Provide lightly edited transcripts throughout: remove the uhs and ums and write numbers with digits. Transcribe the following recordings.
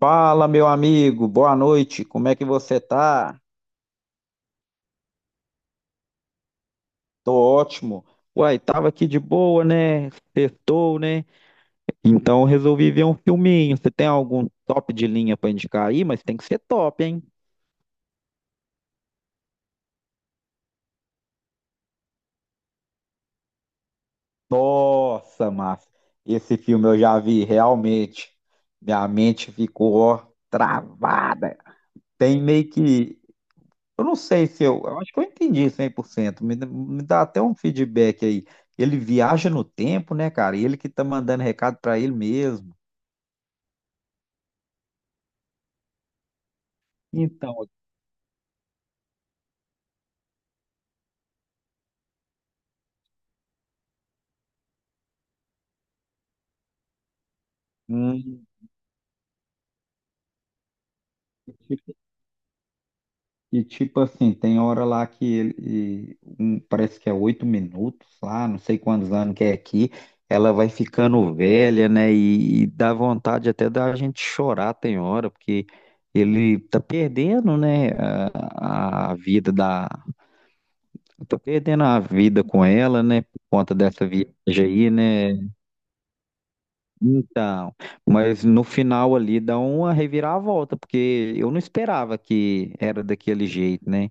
Fala, meu amigo, boa noite, como é que você tá? Tô ótimo. Uai, tava aqui de boa, né? Sextou, né? Então eu resolvi ver um filminho. Você tem algum top de linha pra indicar aí? Mas tem que ser top, hein? Nossa, Márcio, esse filme eu já vi, realmente. Minha mente ficou, ó, travada. Tem meio que. Eu não sei se eu, eu acho que eu entendi 100%. Me dá até um feedback aí. Ele viaja no tempo, né, cara? Ele que tá mandando recado pra ele mesmo. Então. hum, e tipo assim, tem hora lá que ele, parece que é 8 minutos lá, não sei quantos anos que é aqui. Ela vai ficando velha, né? E dá vontade até da gente chorar, tem hora, porque ele tá perdendo, né, a vida da. Eu tô perdendo a vida com ela, né? Por conta dessa viagem aí, né? Então, mas no final ali dá uma reviravolta, porque eu não esperava que era daquele jeito, né?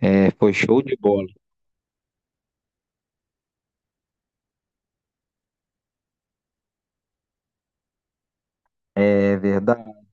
É, foi show de bola. É verdade.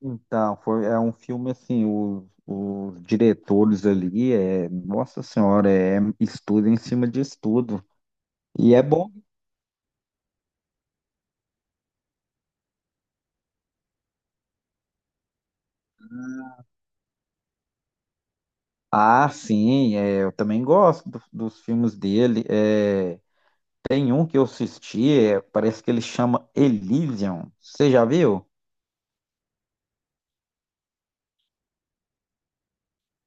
Então, foi, é um filme assim, os diretores ali, é, nossa senhora, é estudo em cima de estudo. E é bom. Ah, sim, é, eu também gosto dos filmes dele. É, tem um que eu assisti, é, parece que ele chama Elysium. Você já viu?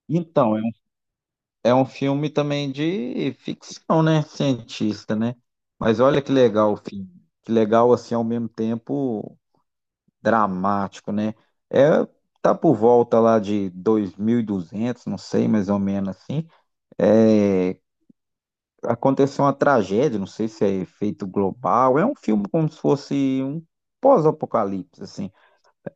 Então, é um filme também de ficção, né? Cientista, né? Mas olha que legal o filme. Que legal, assim, ao mesmo tempo dramático, né? É, tá por volta lá de 2.200, não sei, mais ou menos assim. É, aconteceu uma tragédia, não sei se é efeito global. É um filme como se fosse um pós-apocalipse, assim.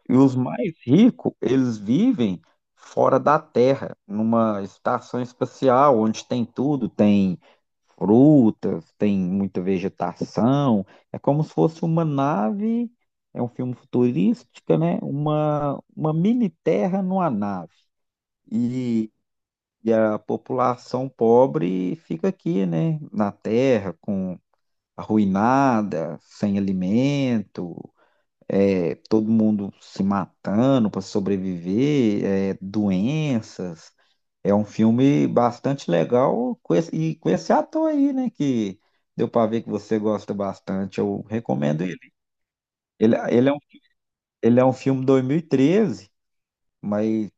E os mais ricos, eles vivem fora da Terra, numa estação espacial, onde tem tudo, tem frutas, tem muita vegetação. É como se fosse uma nave, é um filme futurístico, né? Uma mini terra numa nave. E, e a população pobre fica aqui, né? Na terra, com arruinada, sem alimento, é, todo mundo se matando para sobreviver, é, doenças. É um filme bastante legal com esse ator aí, né? Que deu para ver que você gosta bastante. Eu recomendo ele. Ele é um, ele é um filme 2013, mas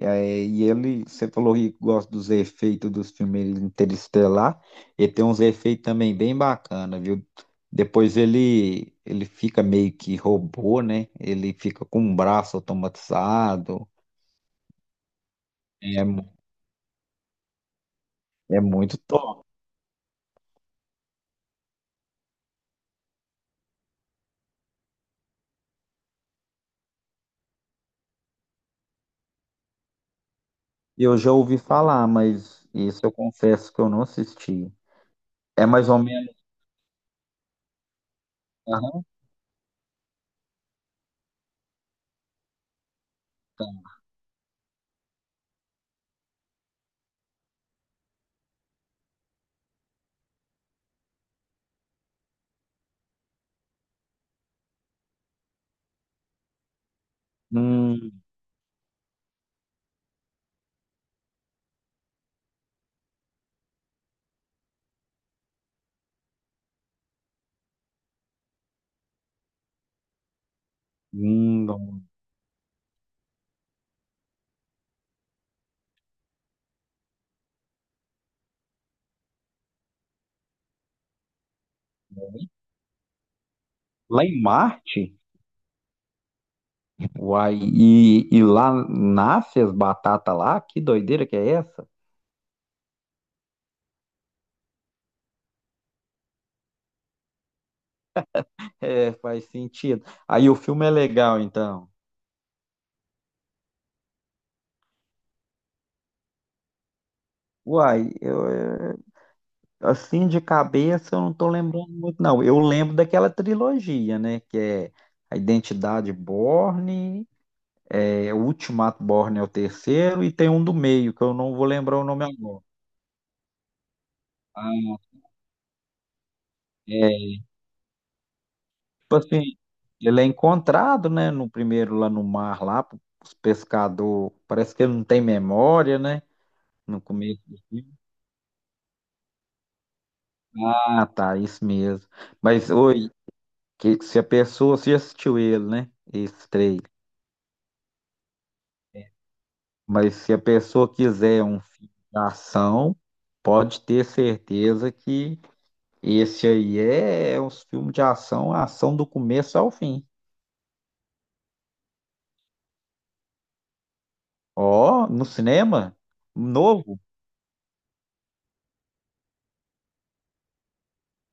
é, e ele, você falou que gosta dos efeitos dos filmes Interestelar, ele tem uns efeitos também bem bacana, viu? Depois ele, ele fica meio que robô, né? Ele fica com um braço automatizado, é, é muito top. Eu já ouvi falar, mas isso eu confesso que eu não assisti. É mais ou menos. Aham. Hum. Não. Lá em Marte, uai, e lá nasce as batatas lá, que doideira que é essa? É, faz sentido. Aí o filme é legal, então. Uai, eu, eh, assim de cabeça eu não tô lembrando muito, não. Eu lembro daquela trilogia, né? Que é A Identidade Bourne, é, o Ultimato Bourne é o terceiro, e tem um do meio, que eu não vou lembrar o nome agora. Ah, é. Tipo assim, ele é encontrado, né? No primeiro lá no mar, lá, os pescadores. Parece que ele não tem memória, né? No começo do filme. Ah, tá, isso mesmo. Mas, oi, que se a pessoa, você já assistiu ele, né? Esse trailer. Mas se a pessoa quiser um filme de ação, pode ter certeza que esse aí é um filme de ação, ação do começo ao fim. Ó, no cinema? Novo?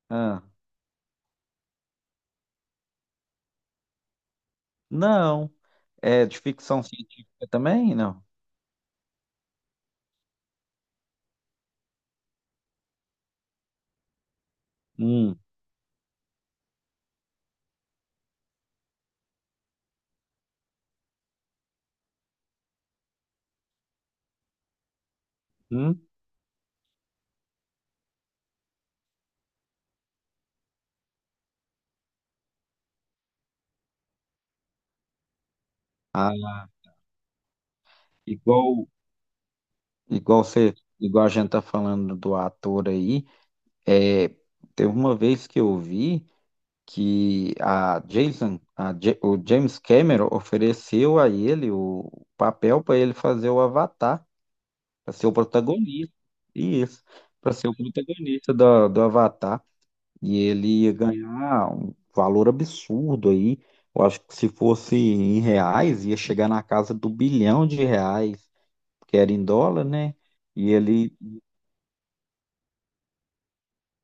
Ah, não. É de ficção científica também? Não. Hum. hum. Ah, igual, igual você, igual a gente tá falando do ator aí, é, teve uma vez que eu vi que a Jason, a Ja- o James Cameron ofereceu a ele o papel para ele fazer o Avatar, para ser o protagonista. Isso, para ser o protagonista do Avatar. E ele ia ganhar um valor absurdo aí. Eu acho que se fosse em reais, ia chegar na casa do bilhão de reais, porque era em dólar, né? E ele.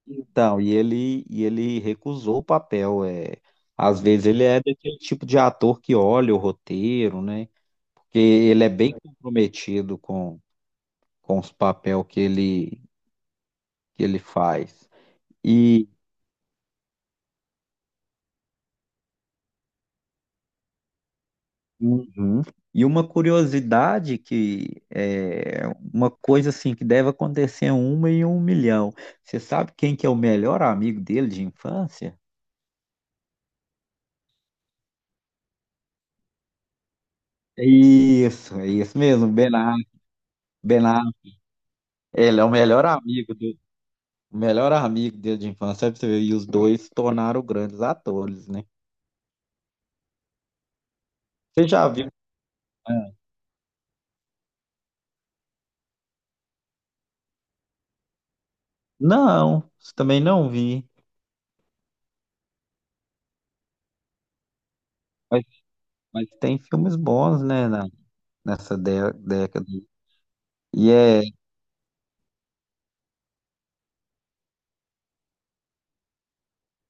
Então, e ele recusou o papel. É, às vezes ele é daquele tipo de ator que olha o roteiro, né? Porque ele é bem comprometido com os papéis que ele faz. E, uhum. E uma curiosidade que é uma coisa assim que deve acontecer é uma em um milhão. Você sabe quem que é o melhor amigo dele de infância? Isso, é isso mesmo, Ben Affleck. Ben Affleck, ele é o melhor amigo do. O melhor amigo dele de infância, pra você ver, e os dois se tornaram grandes atores, né? Você já viu? É. Não, isso também não vi. Mas, mas tem filmes bons, né, nessa década. E é.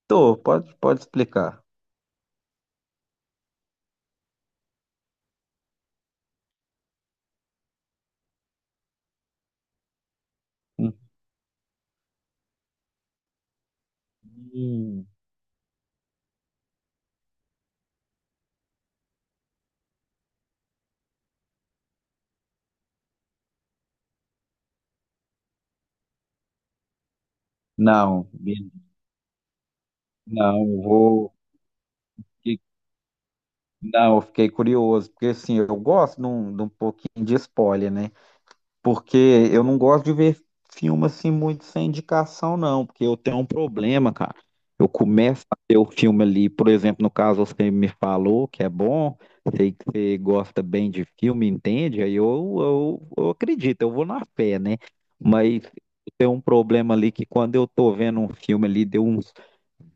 Tô, pode, pode explicar. Hum. Não, não, eu vou. Não, eu fiquei curioso, porque assim, eu gosto de um pouquinho de spoiler, né? Porque eu não gosto de ver filme assim muito sem indicação, não, porque eu tenho um problema, cara. Eu começo a ver o filme ali, por exemplo, no caso você me falou que é bom, sei que você gosta bem de filme, entende? Aí eu acredito, eu vou na fé, né? Mas tem um problema ali que quando eu tô vendo um filme ali, deu uns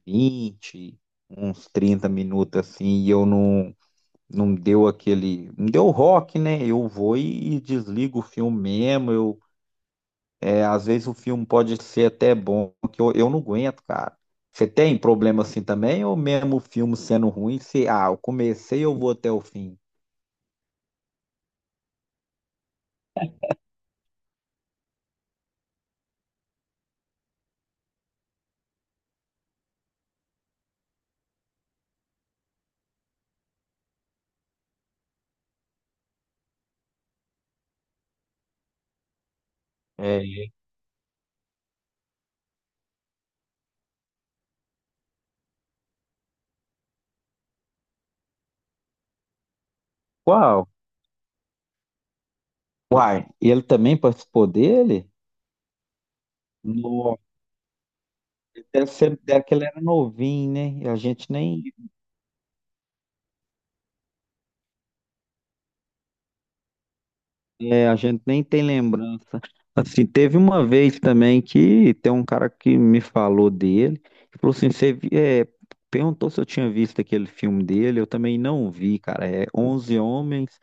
20, uns 30 minutos assim, e eu não não deu aquele, não deu rock, né? Eu vou e desligo o filme mesmo, eu é, às vezes o filme pode ser até bom, que eu não aguento, cara. Você tem problema assim também, ou mesmo o filme sendo ruim, se, ah, eu comecei, eu vou até o fim? É qual? Uai, ele também participou dele? Nossa, deve ser, deve que ele era novinho, né? A gente nem. É, a gente nem tem lembrança. Assim, teve uma vez também que tem um cara que me falou dele, que falou assim, você é, perguntou se eu tinha visto aquele filme dele, eu também não vi, cara. É 11 Homens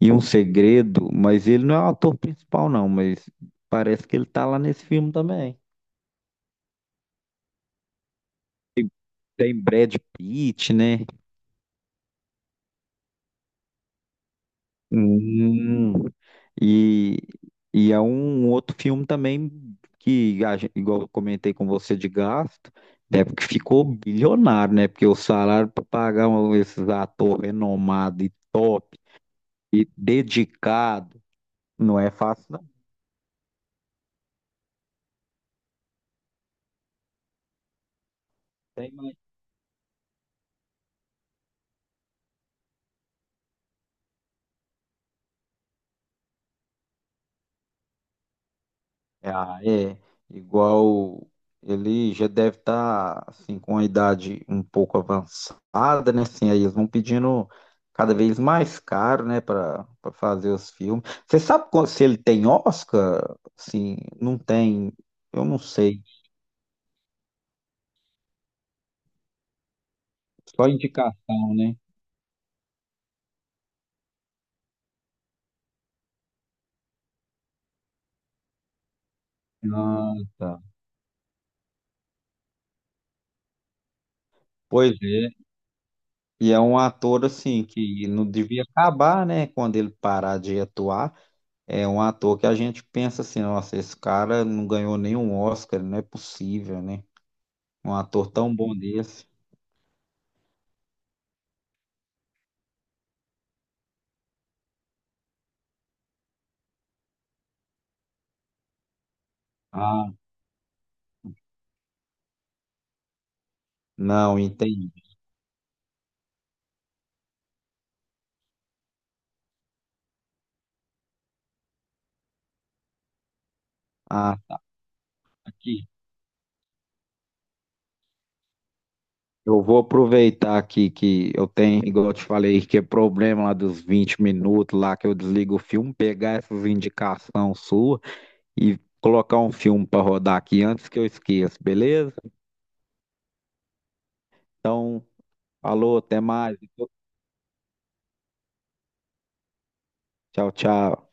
e um Segredo, mas ele não é o ator principal não, mas parece que ele tá lá nesse filme também. Tem Brad Pitt, né? Hum, e, e é um outro filme também que, a igual eu comentei com você de gasto, é porque ficou bilionário, né? Porque o salário para pagar esses atores renomados e top e dedicado não é fácil, não. Ah, é. Igual ele já deve estar assim com a idade um pouco avançada, né? Assim, aí eles vão pedindo cada vez mais caro, né, para fazer os filmes. Você sabe se ele tem Oscar? Assim, não tem, eu não sei. Só indicação, né? Ah, tá. Pois é. E é um ator assim que não devia acabar, né, quando ele parar de atuar. É um ator que a gente pensa assim, nossa, esse cara não ganhou nenhum Oscar, não é possível, né? Um ator tão bom desse. Ah, não, entendi. Ah, aqui. Eu vou aproveitar aqui que eu tenho, igual eu te falei, que é problema lá dos 20 minutos lá que eu desligo o filme, pegar essas indicações suas e colocar um filme para rodar aqui antes que eu esqueça, beleza? Então, falou, até mais. Tchau, tchau.